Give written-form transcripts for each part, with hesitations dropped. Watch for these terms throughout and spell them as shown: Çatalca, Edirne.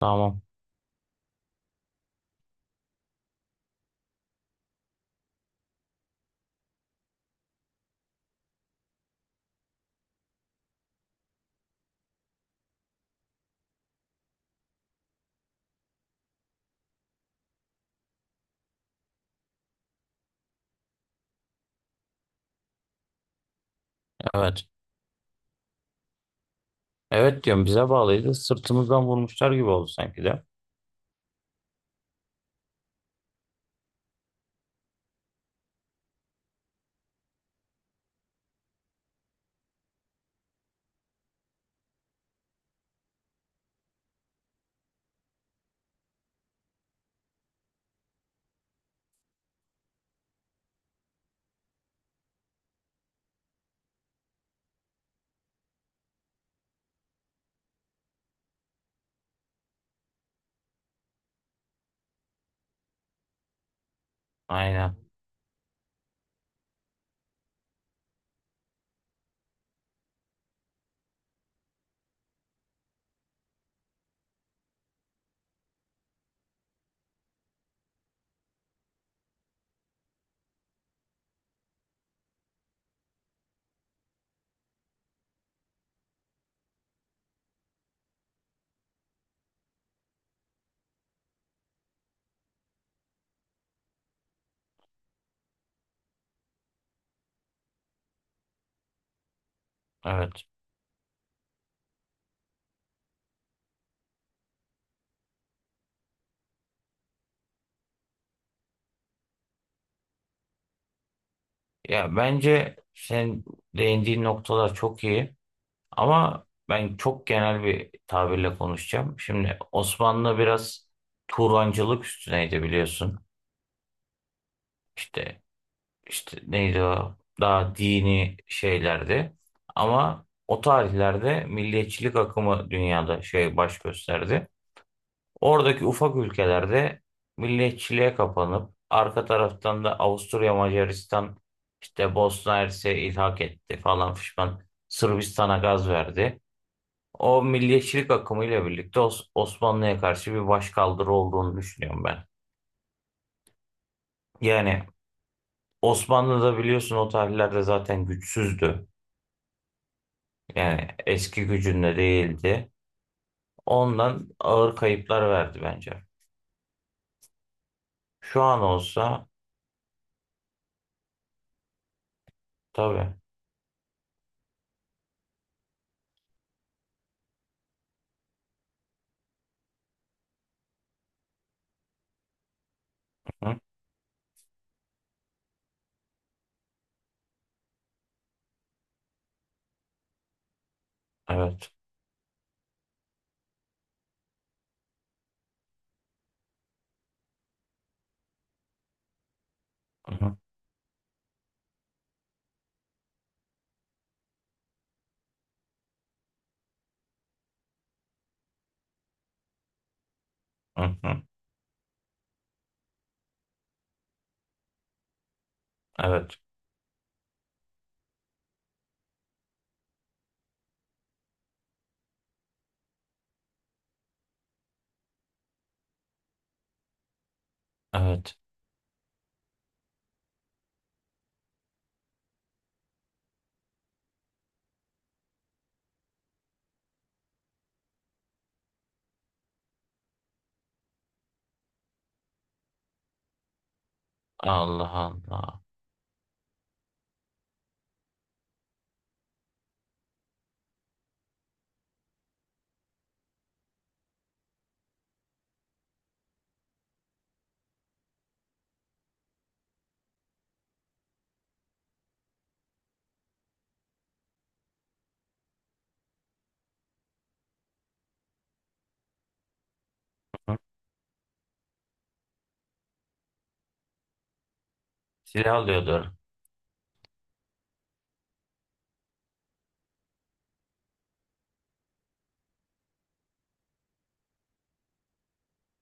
Tamam. Evet. Evet diyorum, bize bağlıydı. Sırtımızdan vurmuşlar gibi oldu sanki de. Aynen. Evet. Ya bence sen değindiğin noktalar çok iyi ama ben çok genel bir tabirle konuşacağım. Şimdi Osmanlı biraz Turancılık üstüneydi, biliyorsun. İşte neydi o? Daha dini şeylerdi. Ama o tarihlerde milliyetçilik akımı dünyada şey baş gösterdi. Oradaki ufak ülkelerde milliyetçiliğe kapanıp arka taraftan da Avusturya Macaristan işte Bosna Hersek'e ilhak etti falan fişman, Sırbistan'a gaz verdi. O milliyetçilik akımıyla birlikte Osmanlı'ya karşı bir başkaldırı olduğunu düşünüyorum ben. Yani Osmanlı da biliyorsun, o tarihlerde zaten güçsüzdü. Yani eski gücünde değildi. Ondan ağır kayıplar verdi bence. Şu an olsa tabii. Hı, evet. Hı, hı, hı. Evet. Evet. Allah Allah. Hı? Silah alıyordur.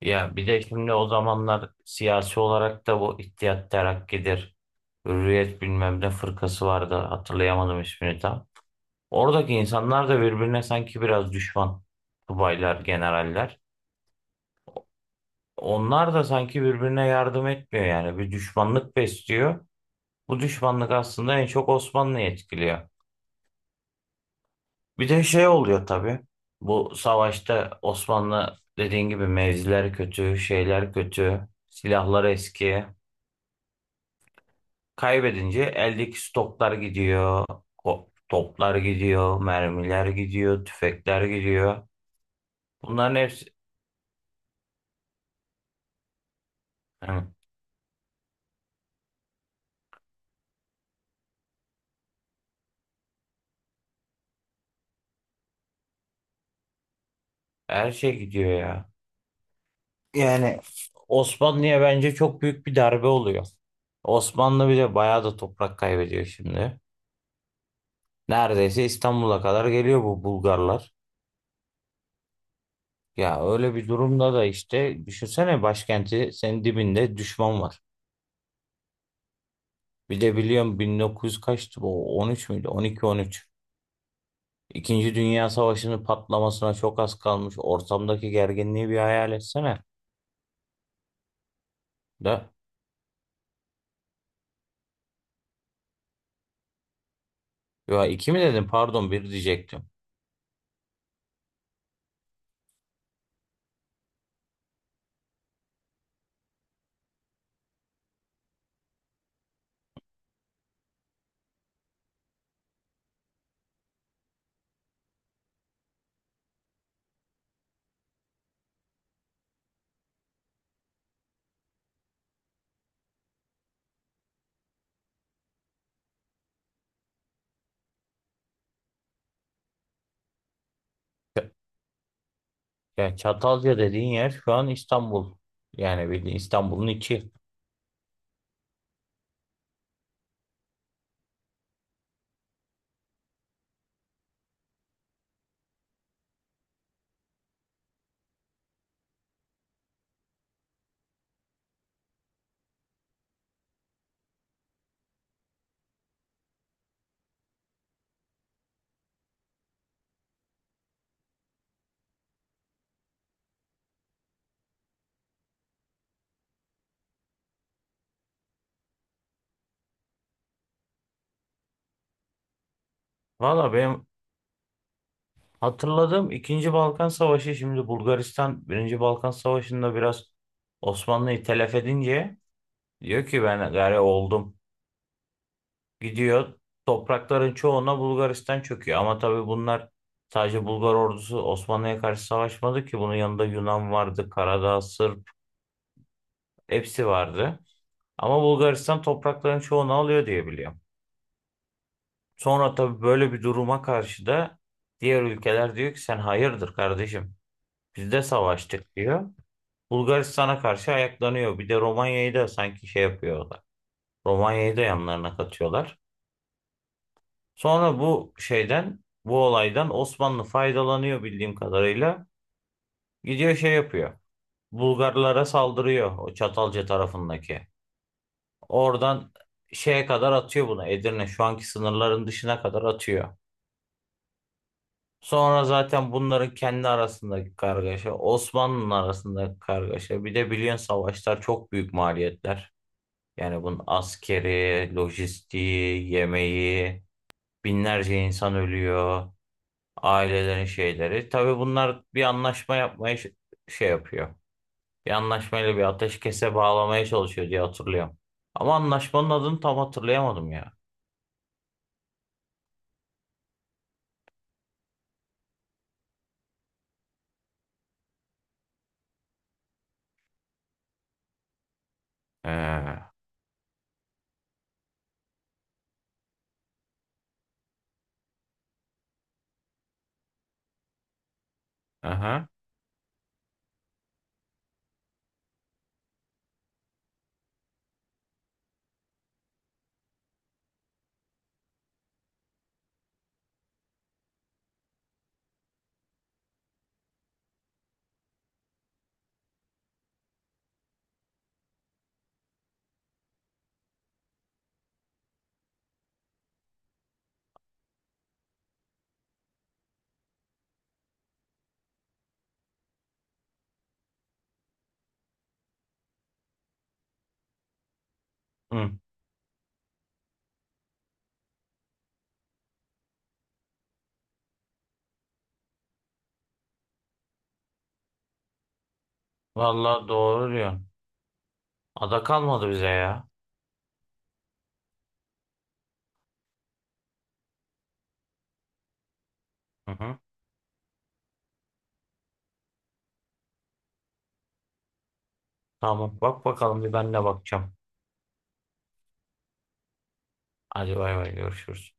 Ya bir de şimdi o zamanlar siyasi olarak da bu İttihat Terakki'dir. Hürriyet bilmem ne fırkası vardı. Hatırlayamadım ismini tam. Oradaki insanlar da birbirine sanki biraz düşman. Subaylar, generaller. Onlar da sanki birbirine yardım etmiyor yani. Bir düşmanlık besliyor. Bu düşmanlık aslında en çok Osmanlı'yı etkiliyor. Bir de şey oluyor tabii. Bu savaşta Osmanlı dediğin gibi mevziler kötü, şeyler kötü, silahlar eski. Kaybedince eldeki stoklar gidiyor, toplar gidiyor, mermiler gidiyor, tüfekler gidiyor. Bunların hepsi. Hı, her şey gidiyor ya. Yani Osmanlı'ya bence çok büyük bir darbe oluyor. Osmanlı bile bayağı da toprak kaybediyor şimdi. Neredeyse İstanbul'a kadar geliyor bu Bulgarlar. Ya öyle bir durumda da işte düşünsene, başkenti senin dibinde düşman var. Bir de biliyorum, 1900 kaçtı bu, 13 müydü? 12-13. İkinci Dünya Savaşı'nın patlamasına çok az kalmış. Ortamdaki gerginliği bir hayal etsene. Da, ya iki mi dedim, pardon, bir diyecektim. Ç- Ya Çatalca dediğin yer şu an İstanbul. Yani bildiğin İstanbul'un içi. Valla benim hatırladığım ikinci Balkan Savaşı, şimdi Bulgaristan Birinci Balkan Savaşı'nda biraz Osmanlı'yı telef edince diyor ki ben gari oldum. Gidiyor, toprakların çoğuna Bulgaristan çöküyor. Ama tabii bunlar, sadece Bulgar ordusu Osmanlı'ya karşı savaşmadı ki. Bunun yanında Yunan vardı, Karadağ, Sırp, hepsi vardı. Ama Bulgaristan toprakların çoğunu alıyor diye biliyorum. Sonra tabii böyle bir duruma karşı da diğer ülkeler diyor ki sen hayırdır kardeşim, biz de savaştık diyor. Bulgaristan'a karşı ayaklanıyor. Bir de Romanya'yı da sanki şey yapıyorlar. Romanya'yı da yanlarına katıyorlar. Sonra bu şeyden, bu olaydan Osmanlı faydalanıyor bildiğim kadarıyla. Gidiyor şey yapıyor. Bulgarlara saldırıyor o Çatalca tarafındaki. Oradan şeye kadar atıyor bunu. Edirne şu anki sınırların dışına kadar atıyor. Sonra zaten bunların kendi arasındaki kargaşa, Osmanlı'nın arasındaki kargaşa. Bir de biliyorsun savaşlar çok büyük maliyetler. Yani bunun askeri, lojistiği, yemeği, binlerce insan ölüyor. Ailelerin şeyleri. Tabii bunlar bir anlaşma yapmaya şey yapıyor. Bir anlaşmayla bir ateşkese bağlamaya çalışıyor diye hatırlıyorum. Ama anlaşmanın adını tam hatırlayamadım ya. Ee, aha. Hı. Vallahi doğru diyorsun. Ada kalmadı bize ya. Hı hı. Tamam, bak bakalım, bir ben de bakacağım. Hadi bay bay, görüşürüz.